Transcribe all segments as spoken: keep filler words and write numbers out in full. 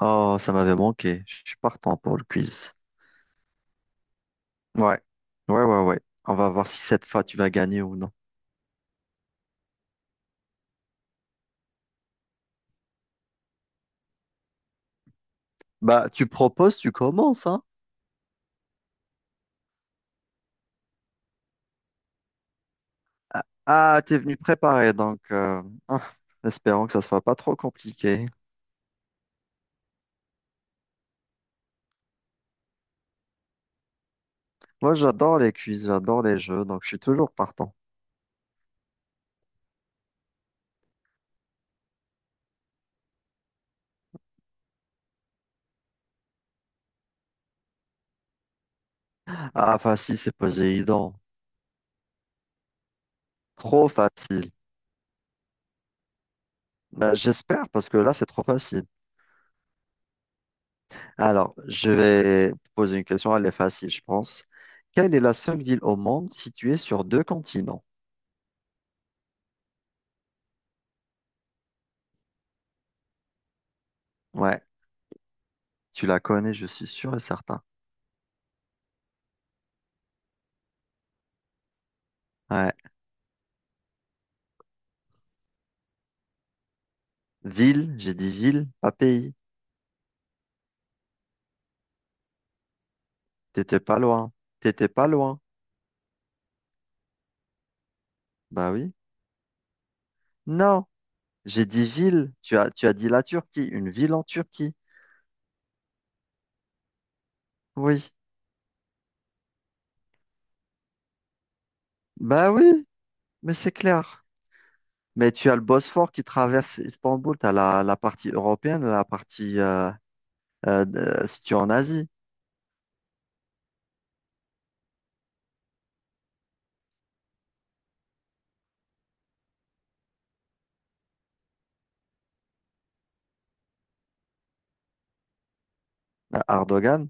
Oh, ça m'avait manqué. Je suis partant pour le quiz. Ouais, ouais, ouais, ouais. On va voir si cette fois tu vas gagner ou non. Bah, tu proposes, tu commences, hein? Ah, t'es venu préparer, donc euh, ah, espérons que ça soit pas trop compliqué. Moi, j'adore les quiz, j'adore les jeux, donc je suis toujours partant. Ah, facile, c'est Poséidon. Trop facile. Bah, j'espère, parce que là, c'est trop facile. Alors, je vais te poser une question, elle est facile, je pense. Quelle est la seule ville au monde située sur deux continents? Ouais. Tu la connais, je suis sûr et certain. Ouais. Ville, j'ai dit ville, pas pays. T'étais pas loin. T'étais pas loin. Bah oui. Non, j'ai dit ville. Tu as, tu as dit la Turquie, une ville en Turquie. Oui. Bah oui, mais c'est clair. Mais tu as le Bosphore qui traverse Istanbul. T'as la, la partie européenne, la partie euh, euh, de- située en Asie. Euh, Erdogan.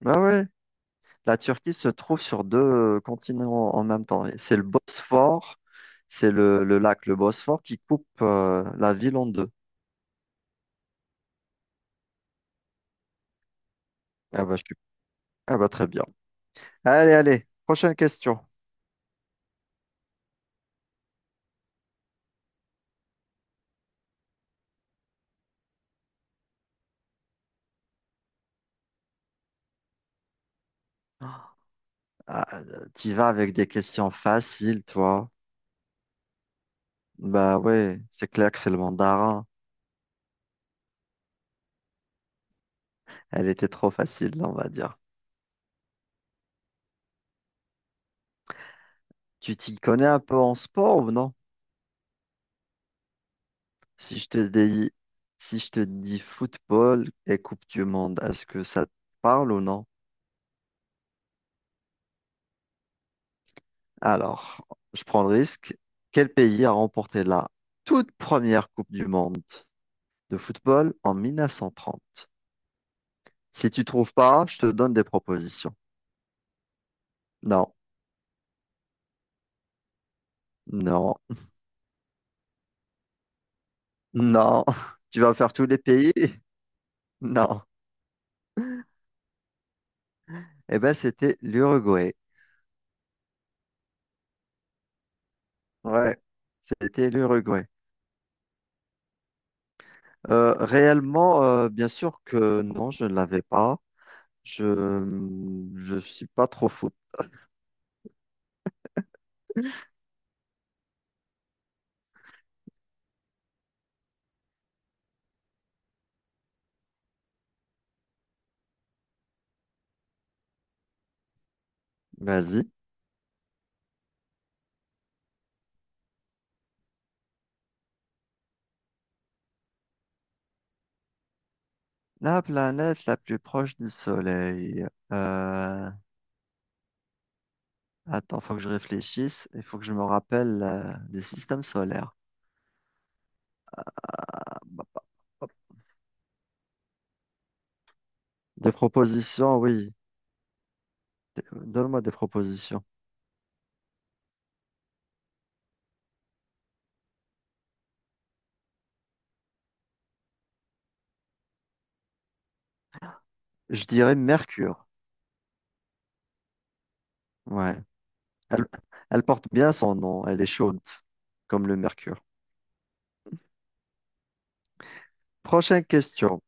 Bah oui. La Turquie se trouve sur deux euh, continents en même temps. C'est le Bosphore, c'est le, le lac, le Bosphore, qui coupe euh, la ville en deux. Ah bah, je suis... ah bah très bien. Allez, allez, prochaine question. Ah, tu vas avec des questions faciles, toi. Bah ouais, c'est clair que c'est le mandarin. Elle était trop facile, on va dire. Tu t'y connais un peu en sport ou non? Si je te dis, si je te dis football et Coupe du Monde, est-ce que ça te parle ou non? Alors, je prends le risque. Quel pays a remporté la toute première Coupe du monde de football en mille neuf cent trente? Si tu trouves pas, je te donne des propositions. Non, non, non. Tu vas faire tous les pays? Non. Eh ben, c'était l'Uruguay. Ouais, c'était l'Uruguay. Euh, réellement, euh, bien sûr que non, je ne l'avais pas. Je je suis pas trop fou. Vas-y. La planète la plus proche du Soleil. Euh, Attends, faut que je réfléchisse. Il faut que je me rappelle euh, des systèmes solaires. Hop. Des propositions, oui. euh, Donne-moi des propositions. Je dirais Mercure. Ouais. Elle, elle porte bien son nom. Elle est chaude, comme le Mercure. Prochaine question.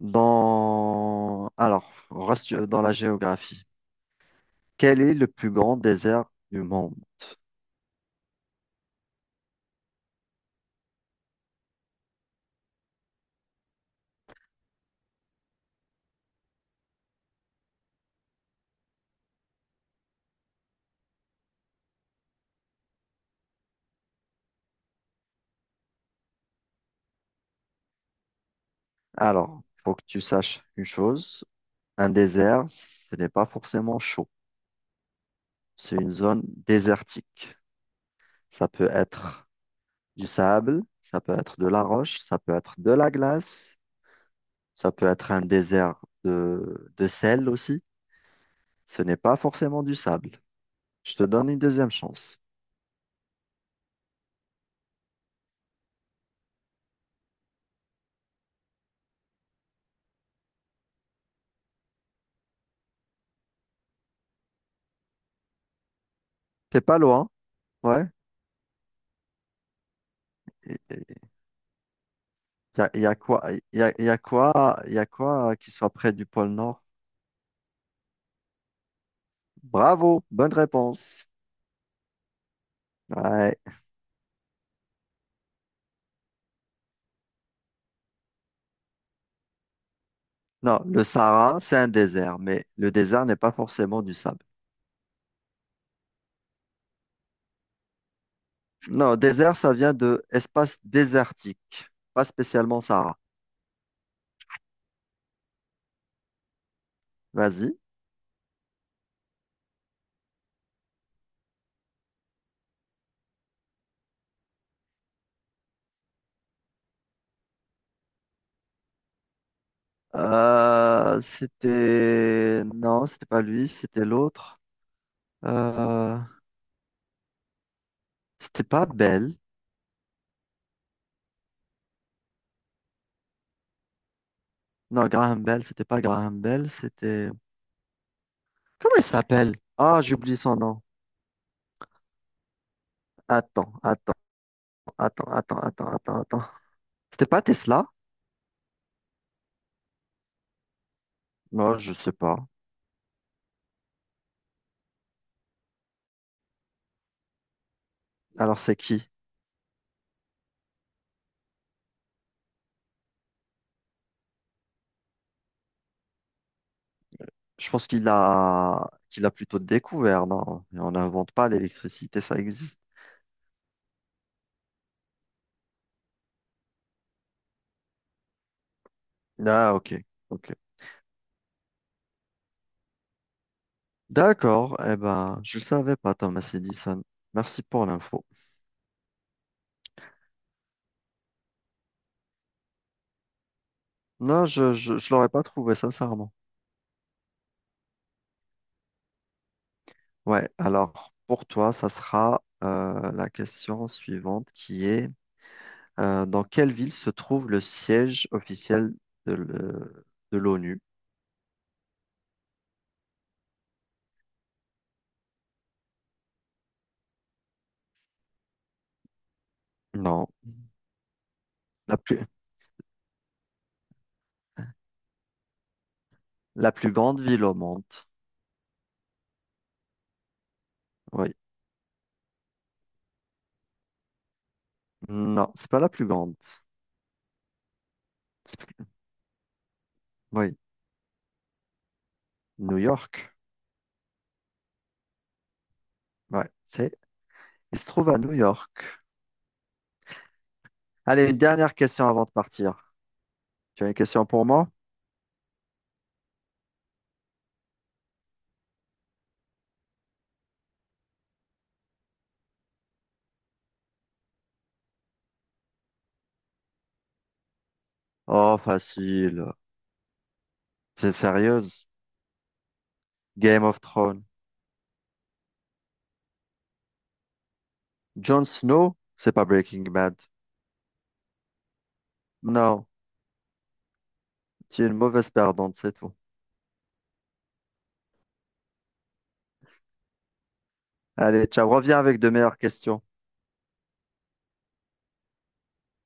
Dans... Alors, on reste euh, dans la géographie. Quel est le plus grand désert du monde? Alors, il faut que tu saches une chose, un désert, ce n'est pas forcément chaud. C'est une zone désertique. Ça peut être du sable, ça peut être de la roche, ça peut être de la glace, ça peut être un désert de, de sel aussi. Ce n'est pas forcément du sable. Je te donne une deuxième chance. T'es pas loin, ouais. Il y a, y a quoi, y a, y a quoi, y a quoi euh, qui soit près du pôle Nord? Bravo, bonne réponse. Ouais. Non, le Sahara, c'est un désert, mais le désert n'est pas forcément du sable. Non, désert, ça vient de espace désertique, pas spécialement Sahara. Vas-y. Euh, c'était... Non, c'était pas lui, c'était l'autre. Euh, C'était pas Bell. Non, Graham Bell, c'était pas Graham Bell, c'était... Comment il s'appelle? Ah, j'ai oublié son nom. Attends, attends, attends, attends, attends, attends, attends. C'était pas Tesla? Moi, je sais pas. Alors, c'est qui? Je pense qu'il a qu'il a plutôt découvert, non? On n'invente pas l'électricité, ça existe. Ah, ok, ok. D'accord, eh ben, je le savais pas, Thomas Edison. Merci pour l'info. Non, je, je, je l'aurais pas trouvé, sincèrement. Ouais, alors, pour toi, ça sera euh, la question suivante qui est. Euh, dans quelle ville se trouve le siège officiel de le- de l'ONU? Non. La plus, la plus grande ville au monde. Oui. Non, c'est pas la plus grande. C'est plus- Oui. New York. Ouais. C'est, il se trouve à New York. Allez, une dernière question avant de partir. Tu as une question pour moi? Oh, facile. C'est sérieuse. Game of Thrones. Jon Snow, c'est pas Breaking Bad. Non, tu es une mauvaise perdante, c'est tout. Allez, ciao, reviens avec de meilleures questions.